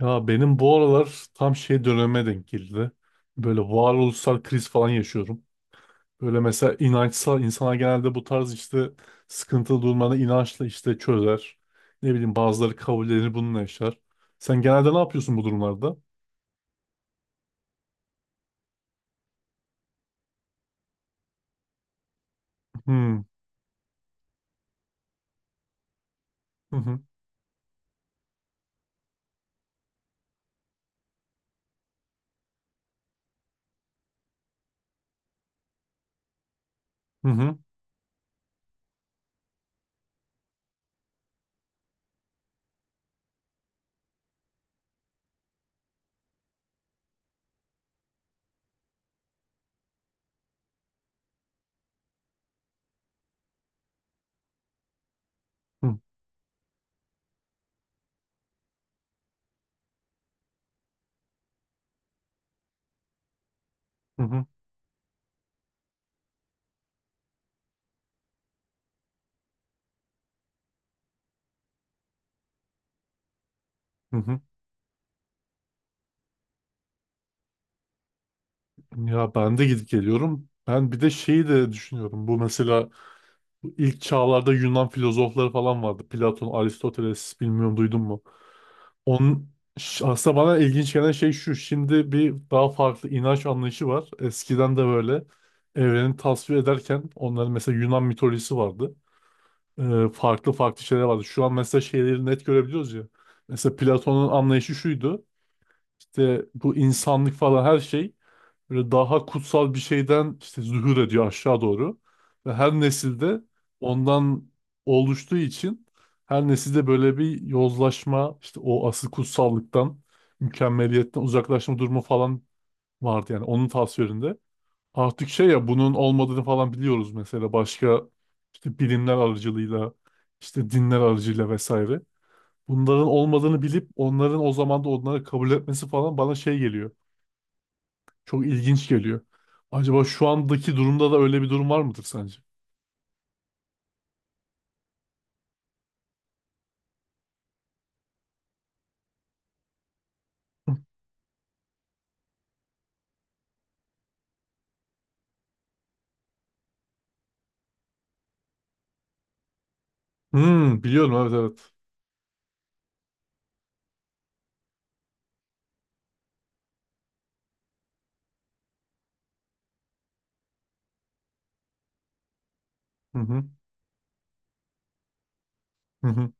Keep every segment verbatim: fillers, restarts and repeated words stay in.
Ya benim bu aralar tam şey döneme denk geldi. Böyle varoluşsal kriz falan yaşıyorum. Böyle mesela inançsal insana genelde bu tarz işte sıkıntılı durumları inançla işte çözer. Ne bileyim bazıları kabullenir bununla yaşar. Sen genelde ne yapıyorsun bu durumlarda? Hmm. Hı hı. Hı hı. Hı hı. Hı hı. Ya ben de gidip geliyorum. Ben bir de şeyi de düşünüyorum. Bu mesela bu ilk çağlarda Yunan filozofları falan vardı. Platon, Aristoteles bilmiyorum duydun mu? Onun ş- aslında bana ilginç gelen şey şu. Şimdi bir daha farklı inanç anlayışı var. Eskiden de böyle evreni tasvir ederken onların mesela Yunan mitolojisi vardı. Ee, farklı farklı şeyler vardı. Şu an mesela şeyleri net görebiliyoruz ya. Mesela Platon'un anlayışı şuydu. İşte bu insanlık falan her şey böyle daha kutsal bir şeyden işte zuhur ediyor aşağı doğru. Ve her nesilde ondan oluştuğu için her nesilde böyle bir yozlaşma, işte o asıl kutsallıktan, mükemmeliyetten uzaklaşma durumu falan vardı yani onun tasvirinde. Artık şey ya bunun olmadığını falan biliyoruz mesela başka işte bilimler aracılığıyla, işte dinler aracılığıyla vesaire. Bunların olmadığını bilip onların o zaman da onları kabul etmesi falan bana şey geliyor. Çok ilginç geliyor. Acaba şu andaki durumda da öyle bir durum var mıdır sence? Hmm, biliyorum, evet, evet. Hı hı hı. Hı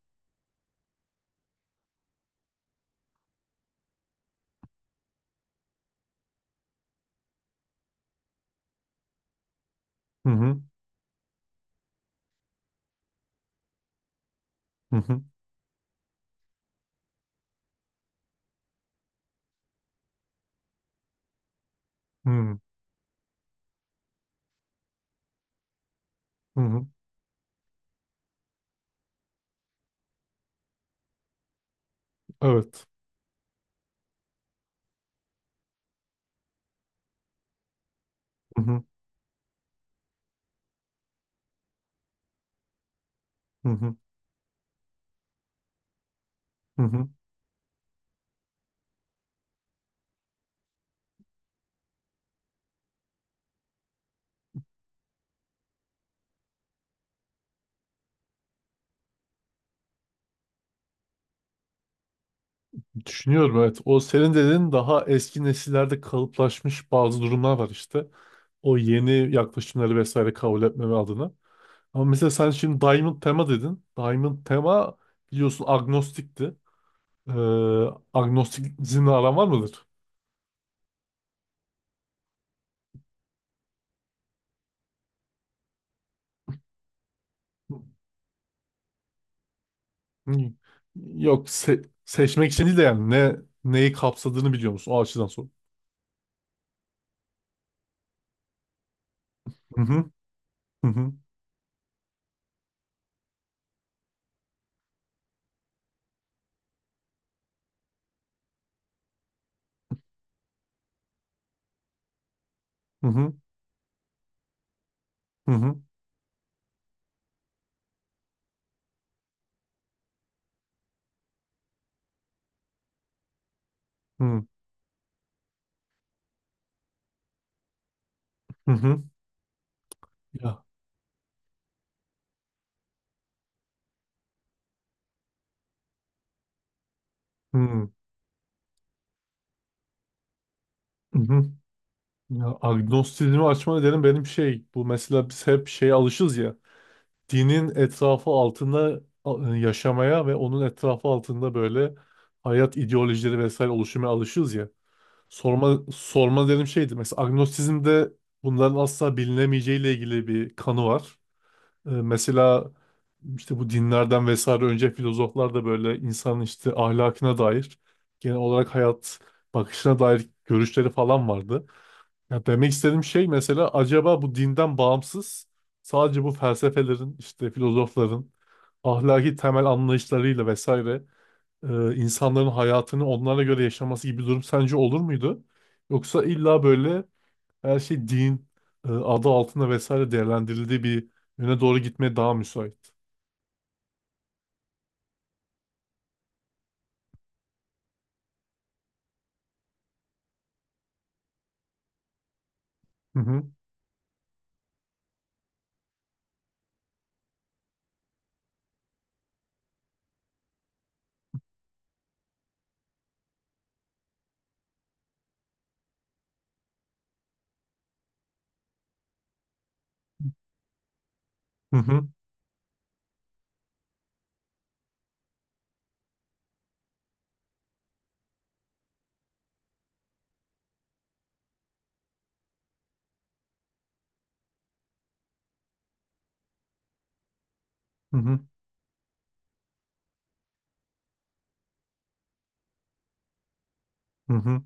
hı. Hı hı. Hı hı. Hı hı. Evet. Hı hı. Hı hı. Hı hı. Düşünüyorum, evet. O senin dediğin daha eski nesillerde kalıplaşmış bazı durumlar var işte. O yeni yaklaşımları vesaire kabul etmeme adına. Ama mesela sen şimdi Diamond Tema dedin. Diamond Tema biliyorsun agnostikti. Ee, Agnostikizmle aran var mıdır? Hmm. Yok, se- seçmek için değil de yani ne neyi kapsadığını biliyor musun? O açıdan sor. Hı hı. Hı hı. Hı hı. Hı hı. Hı hı. Hı. Ya, hı hı. Hı. Ya agnostizmi açma nedenim benim şey bu mesela biz hep şeye alışız ya dinin etrafı altında a- yaşamaya ve onun etrafı altında böyle hayat ideolojileri vesaire oluşmaya alışız ya. Sorma sorma dedim şeydi. Mesela agnostizmde bunların asla bilinemeyeceğiyle ilgili bir kanı var. E, mesela işte bu dinlerden vesaire önce filozoflar da böyle insanın işte ahlakına dair genel olarak hayat bakışına dair görüşleri falan vardı. Ya demek istediğim şey mesela acaba bu dinden bağımsız sadece bu felsefelerin işte filozofların ahlaki temel anlayışlarıyla vesaire e, insanların hayatını onlara göre yaşaması gibi bir durum sence olur muydu? Yoksa illa böyle her şey din e, adı altında vesaire değerlendirildiği bir yöne doğru gitmeye daha müsait. Hı hı. Hı hı. Hı hı. Hı hı.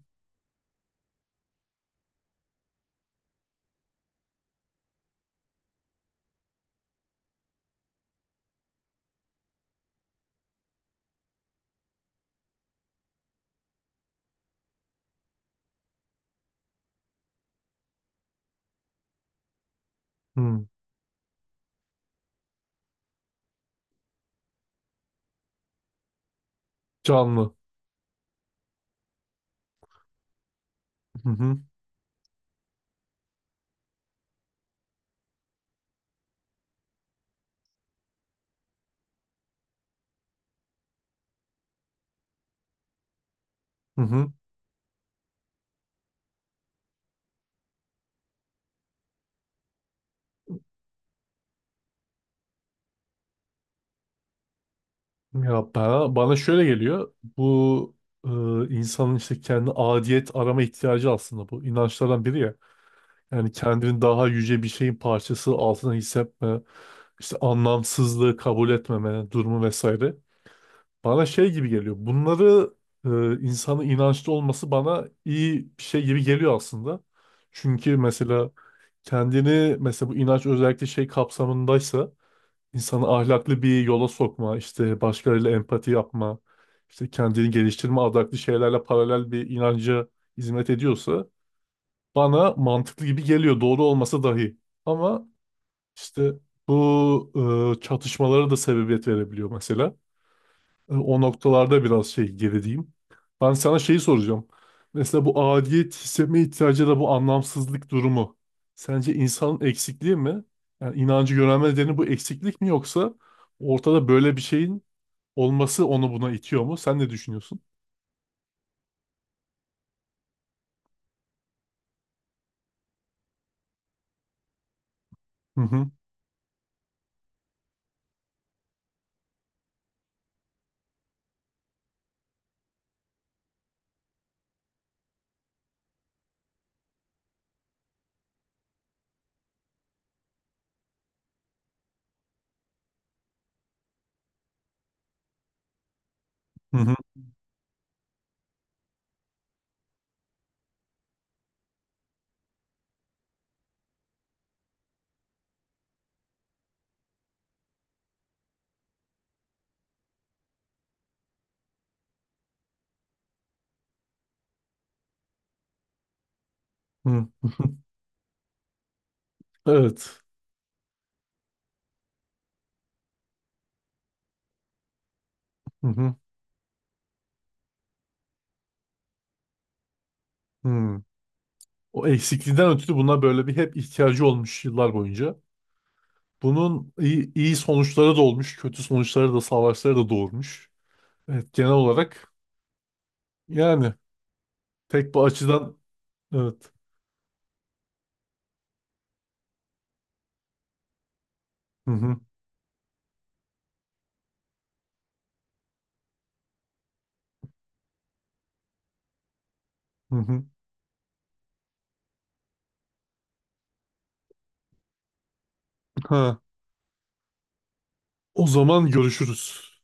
Hı. Canlı. Hı hı. Hı hı. Ya bana, bana şöyle geliyor. Bu e, insanın işte kendi adiyet arama ihtiyacı aslında bu. İnançlardan biri ya. Yani kendini daha yüce bir şeyin parçası altına hissetme, işte anlamsızlığı kabul etmeme durumu vesaire. Bana şey gibi geliyor. Bunları e, insanın inançlı olması bana iyi bir şey gibi geliyor aslında. Çünkü mesela kendini mesela bu inanç özellikle şey kapsamındaysa insanı ahlaklı bir yola sokma, işte başkalarıyla empati yapma, işte kendini geliştirme adaklı şeylerle paralel bir inanca hizmet ediyorsa bana mantıklı gibi geliyor doğru olmasa dahi. Ama işte bu e, çatışmalara da sebebiyet verebiliyor mesela. E, o noktalarda biraz şey gerideyim. Ben sana şeyi soracağım. Mesela bu aidiyet hissetme ihtiyacı da bu anlamsızlık durumu. Sence insanın eksikliği mi? Yani inancı görme nedeni bu eksiklik mi yoksa ortada böyle bir şeyin olması onu buna itiyor mu? Sen ne düşünüyorsun? Hı hı. Hı hı. Hı. Evet. Hı hı. Hı. O eksikliğinden ötürü buna böyle bir hep ihtiyacı olmuş yıllar boyunca. Bunun iyi, iyi sonuçları da olmuş, kötü sonuçları da, savaşları da doğurmuş. Evet, genel olarak yani tek bu açıdan evet. Hı hı, hı hı. Ha, o zaman görüşürüz.